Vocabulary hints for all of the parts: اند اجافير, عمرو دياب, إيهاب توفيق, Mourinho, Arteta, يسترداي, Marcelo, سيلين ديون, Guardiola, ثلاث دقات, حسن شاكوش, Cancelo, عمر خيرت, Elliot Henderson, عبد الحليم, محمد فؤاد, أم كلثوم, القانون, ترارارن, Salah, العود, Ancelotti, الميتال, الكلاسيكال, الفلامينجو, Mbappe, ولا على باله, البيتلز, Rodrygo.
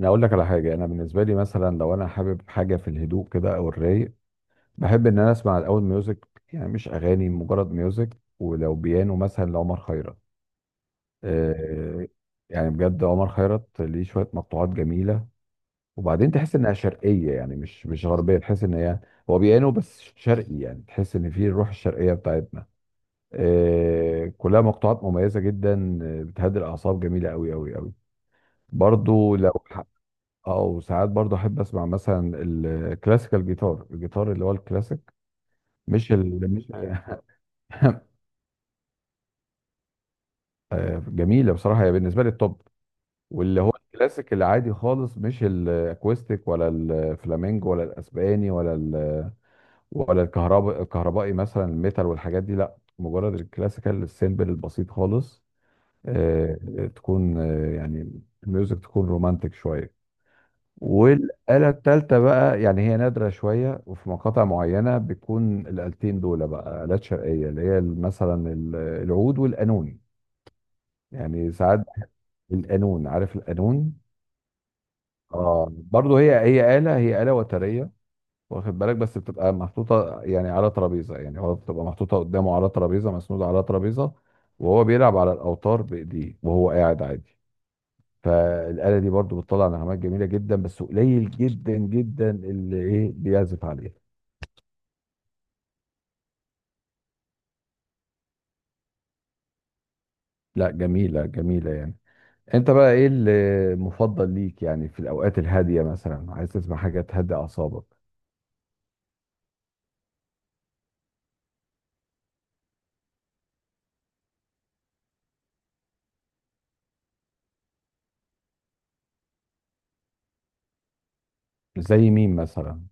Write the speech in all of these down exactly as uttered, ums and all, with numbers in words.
انا اقول لك على حاجه. انا بالنسبه لي مثلا لو انا حابب حاجه في الهدوء كده او الرايق، بحب ان انا اسمع الاول ميوزك، يعني مش اغاني مجرد ميوزك، ولو بيانو مثلا لعمر خيرت. آه يعني بجد عمر خيرت ليه شويه مقطوعات جميله، وبعدين تحس انها شرقيه، يعني مش مش غربيه، تحس ان هي هو بيانو بس شرقي، يعني تحس ان فيه الروح الشرقيه بتاعتنا. آه كلها مقطوعات مميزه جدا، آه، بتهدي الاعصاب، جميله قوي قوي قوي. برضو لو او ساعات برضه احب اسمع مثلا الكلاسيكال جيتار، الجيتار اللي هو الكلاسيك. مش ال... مش آه، جميله بصراحه، هي بالنسبه لي التوب. واللي هو الكلاسيك العادي خالص، مش الاكوستيك ولا الفلامينجو ولا الاسباني ولا ال... ولا الكهرباء الكهربائي، مثلا الميتال والحاجات دي لا، مجرد الكلاسيكال السيمبل البسيط خالص. آه، تكون آه، يعني الميوزك تكون رومانتك شويه. والآلة التالتة بقى يعني هي نادرة شوية، وفي مقاطع معينة بتكون الآلتين دول بقى آلات شرقية، اللي هي مثلا ال- العود والقانون. يعني ساعات القانون، عارف القانون؟ اه برضه هي هي آلة، هي آلة وترية. واخد بالك بس بتبقى محطوطة يعني على ترابيزة، يعني هو بتبقى محطوطة قدامه على ترابيزة مسنودة على ترابيزة، وهو بيلعب على الأوتار بإيديه وهو قاعد عادي. فالآلة دي برضه بتطلع نغمات جميلة جدا، بس قليل جدا جدا اللي إيه بيعزف عليها. لا جميلة جميلة يعني. انت بقى ايه المفضل ليك، يعني في الاوقات الهادية مثلا عايز تسمع حاجة تهدي اعصابك؟ زي مين مثلا؟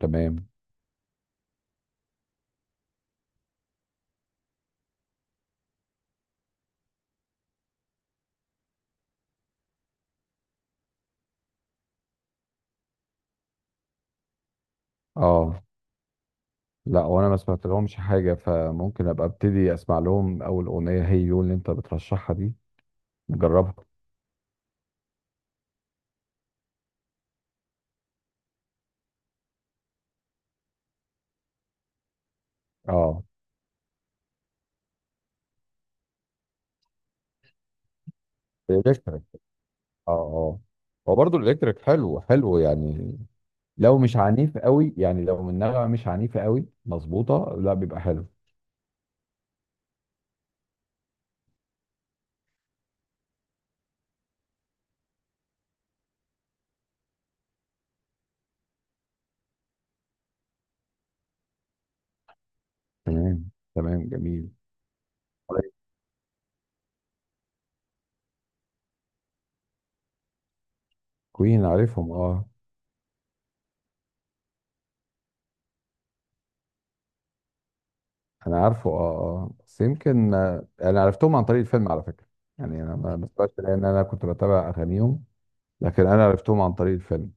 تمام. اه لا، وانا ما سمعت لهمش حاجة، فممكن ابقى ابتدي اسمع لهم، اول اغنية هي يو اللي انت بترشحها دي. نجربها. اه الالكتريك، اه اه. هو برضه الالكتريك حلو حلو يعني، لو مش عنيف قوي، يعني لو من نغمة مش عنيفة قوي مظبوطة لا، بيبقى حلو. تمام تمام، جميل. كوين عارفهم اه. انا عارفه اه. اه بس يمكن آه، انا عرفتهم عن طريق الفيلم على فكره. يعني انا ما ما سمعتش لان انا كنت بتابع اغانيهم، لكن انا عرفتهم عن طريق الفيلم.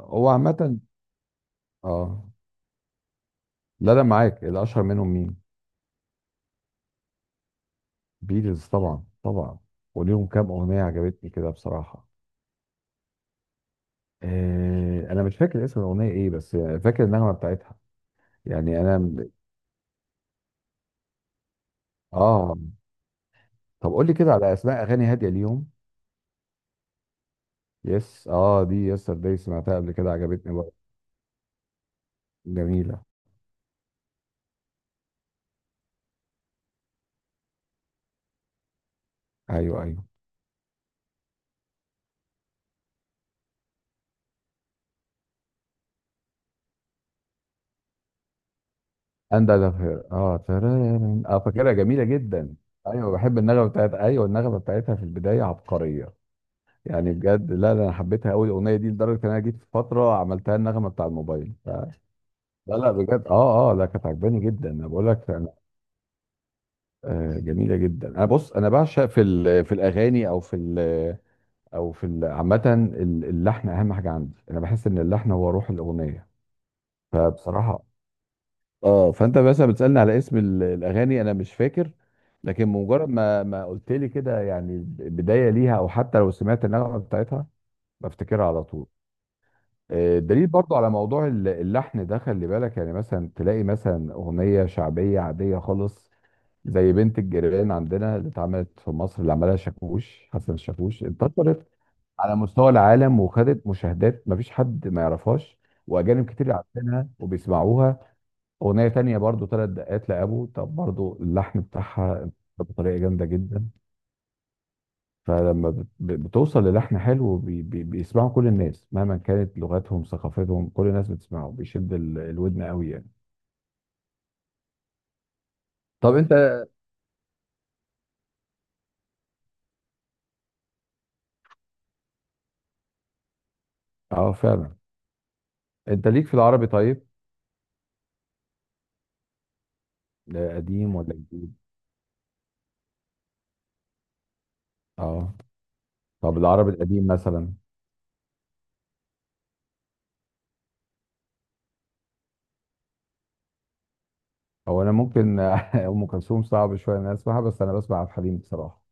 هو عامه. اه لا لا، معاك، الاشهر منهم مين؟ بيتلز طبعا طبعا. وليهم كام اغنيه عجبتني كده بصراحه. آه انا مش فاكر اسم الاغنيه ايه، بس فاكر النغمه بتاعتها. يعني انا اه. طب قول لي كده على اسماء اغاني هاديه ليهم. يس اه دي يسترداي، سمعتها قبل كده، عجبتني برضه. جميله. ايوه ايوه. اند اجافير اه ترارارن. اه فاكرها جميله جدا. ايوه بحب النغمه بتاعت، ايوه النغمه بتاعتها في البدايه عبقريه. يعني بجد لا لا، انا حبيتها قوي الاغنيه دي، لدرجه ان انا جيت في فتره عملتها النغمه بتاع الموبايل ف... لا لا بجد اه اه لا، كانت عجباني جدا، انا بقول لك انا. آه جميله جدا. انا بص، انا بعشق في ال... في الاغاني او في ال... او في ال- عامه ال- اللحن اهم حاجه عندي، انا بحس ان اللحن هو روح الاغنيه. فبصراحه اه، فانت مثلا بتسالني على اسم ال- الاغاني، انا مش فاكر. لكن مجرد ما ما قلت لي كده يعني بدايه ليها، او حتى لو سمعت النغمه بتاعتها، بفتكرها على طول. آه، الدليل برضو على موضوع ال- اللحن ده، خلي بالك يعني مثلا تلاقي مثلا اغنيه شعبيه عاديه خالص، زي بنت الجيران عندنا اللي اتعملت في مصر اللي عملها شاكوش، حسن شاكوش، انتشرت على مستوى العالم وخدت مشاهدات، مفيش حد ما يعرفهاش، واجانب كتير عارفينها وبيسمعوها. أغنية تانية برضو ثلاث دقات لأبو، طب برضو اللحن بتاعها بطريقة جامدة جدا. فلما بت- بتوصل للحن حلو، بي بي بيسمعه كل الناس مهما كانت لغتهم ثقافتهم، كل الناس بتسمعه، بيشد ال- الودن قوي يعني. طب انت اه فعلا، انت ليك في العربي طيب؟ لا قديم ولا جديد؟ اه طب العربي القديم مثلا. هو انا ممكن ام كلثوم صعب شويه ان انا اسمعها، بس انا بسمع عبد الحليم بصراحه،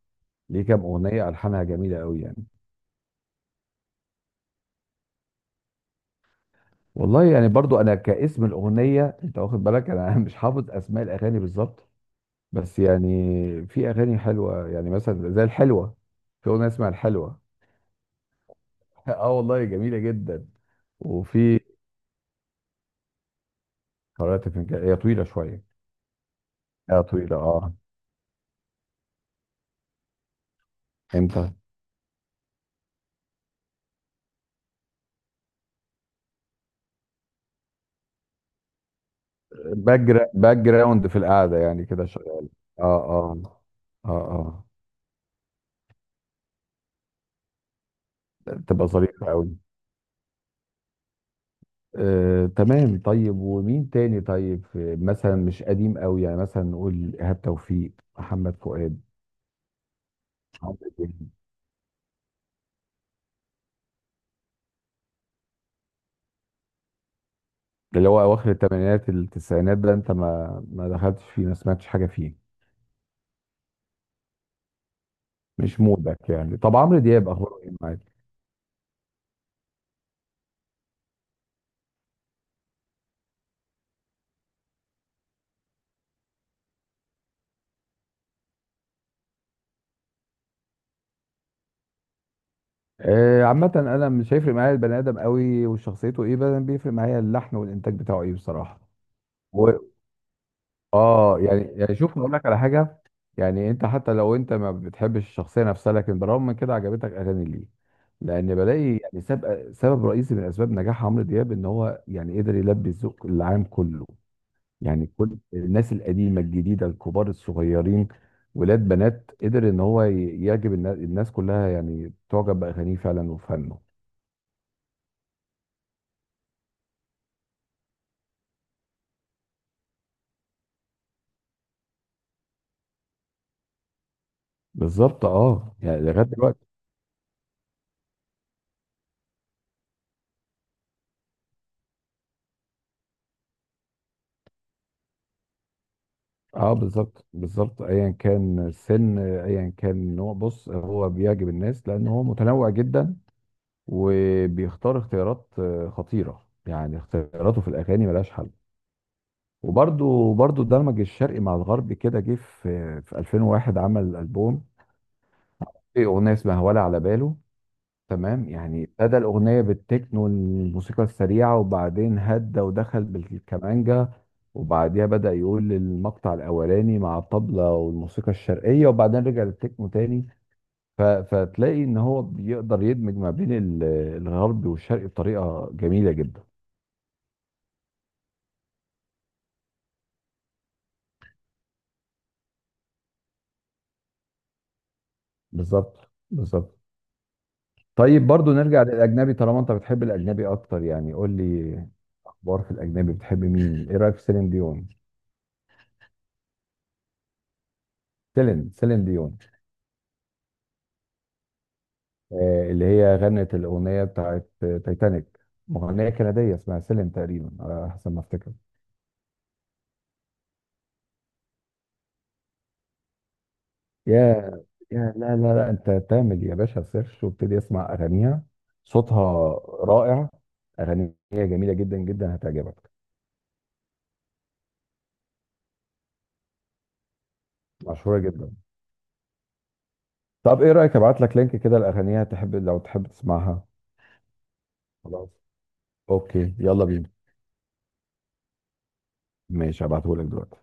ليه كام اغنيه الحانها جميله قوي يعني. والله يعني برضو انا كاسم الاغنيه، انت واخد بالك انا مش حافظ اسماء الاغاني بالظبط، بس يعني في اغاني حلوه، يعني مثلا زي الحلوه، في اغنيه اسمها الحلوه. اه والله جميله جدا. وفي قارئة الفنجان، هي طويله شويه، اه طويله اه. امتى؟ باك، باك جراوند في القعده، يعني كده شغال. اه اه اه. اه تبقى ظريفه قوي. آه، تمام، طيب ومين تاني، طيب آه، مثلا مش قديم قوي، يعني مثلا نقول ايهاب توفيق، محمد فؤاد. اللي هو اواخر الثمانينات التسعينات ده انت ما ما دخلتش فيه، ما سمعتش حاجه فيه. مش مودك يعني. طب عمرو دياب اخباره ايه معاك؟ آه عامه انا مش هيفرق معايا البني ادم قوي وشخصيته ايه، بس بيفرق معايا اللحن والانتاج بتاعه ايه بصراحه. و... اه يعني يعني شوف اقول لك على حاجه، يعني انت حتى لو انت ما بتحبش الشخصيه نفسها، لكن بالرغم من كده عجبتك اغاني ليه، لان بلاقي يعني سبب سبب رئيسي من اسباب نجاح عمرو دياب ان هو يعني قدر يلبي الذوق العام كله. يعني كل الناس، القديمه الجديده، الكبار الصغيرين، ولاد بنات، قدر ان هو ي- يعجب النا- الناس كلها، يعني تعجب باغانيه فعلا وفنه. بالظبط اه يعني لغايه دلوقتي. اه بالظبط بالظبط، ايا كان السن ايا كان نوع، بص هو بيعجب الناس لان هو متنوع جدا، وبيختار اختيارات آه، خطيره، يعني اختياراته في الاغاني ملهاش حل. وبرده برده دمج الشرق مع الغرب كده، جه في في ألفين وواحد عمل البوم، في اغنيه اسمها ولا على باله، تمام، يعني ابتدى الأغنية بالتكنو الموسيقى السريعة، وبعدين هدى ودخل بالكمانجا، وبعديها بدأ يقول المقطع الأولاني مع الطبلة والموسيقى الشرقية، وبعدين رجع للتكنو تاني. ف... فتلاقي إن هو بيقدر يدمج ما بين ال- الغرب والشرق بطريقة جميلة جدا. بالظبط بالظبط. طيب برضو نرجع للأجنبي، طالما أنت بتحب الأجنبي أكتر، يعني قول لي أخبار في الأجنبي بتحب مين؟ إيه رأيك في سيلين ديون؟ سيلين سيلين ديون. آه، اللي هي غنت الأغنية بتاعت آه، تايتانيك، مغنية كندية اسمها سيلين تقريبا على حسب ما افتكر. يا يا لا لا لا، انت تعمل يا باشا سيرش وابتدي اسمع اغانيها، صوتها رائع، اغانيها جميلة جدا جدا هتعجبك، مشهورة جدا. طب ايه رأيك ابعت لك لينك كده لاغانيها، تحب لو تحب تسمعها؟ خلاص اوكي، يلا بينا. ماشي هبعتهولك دلوقتي.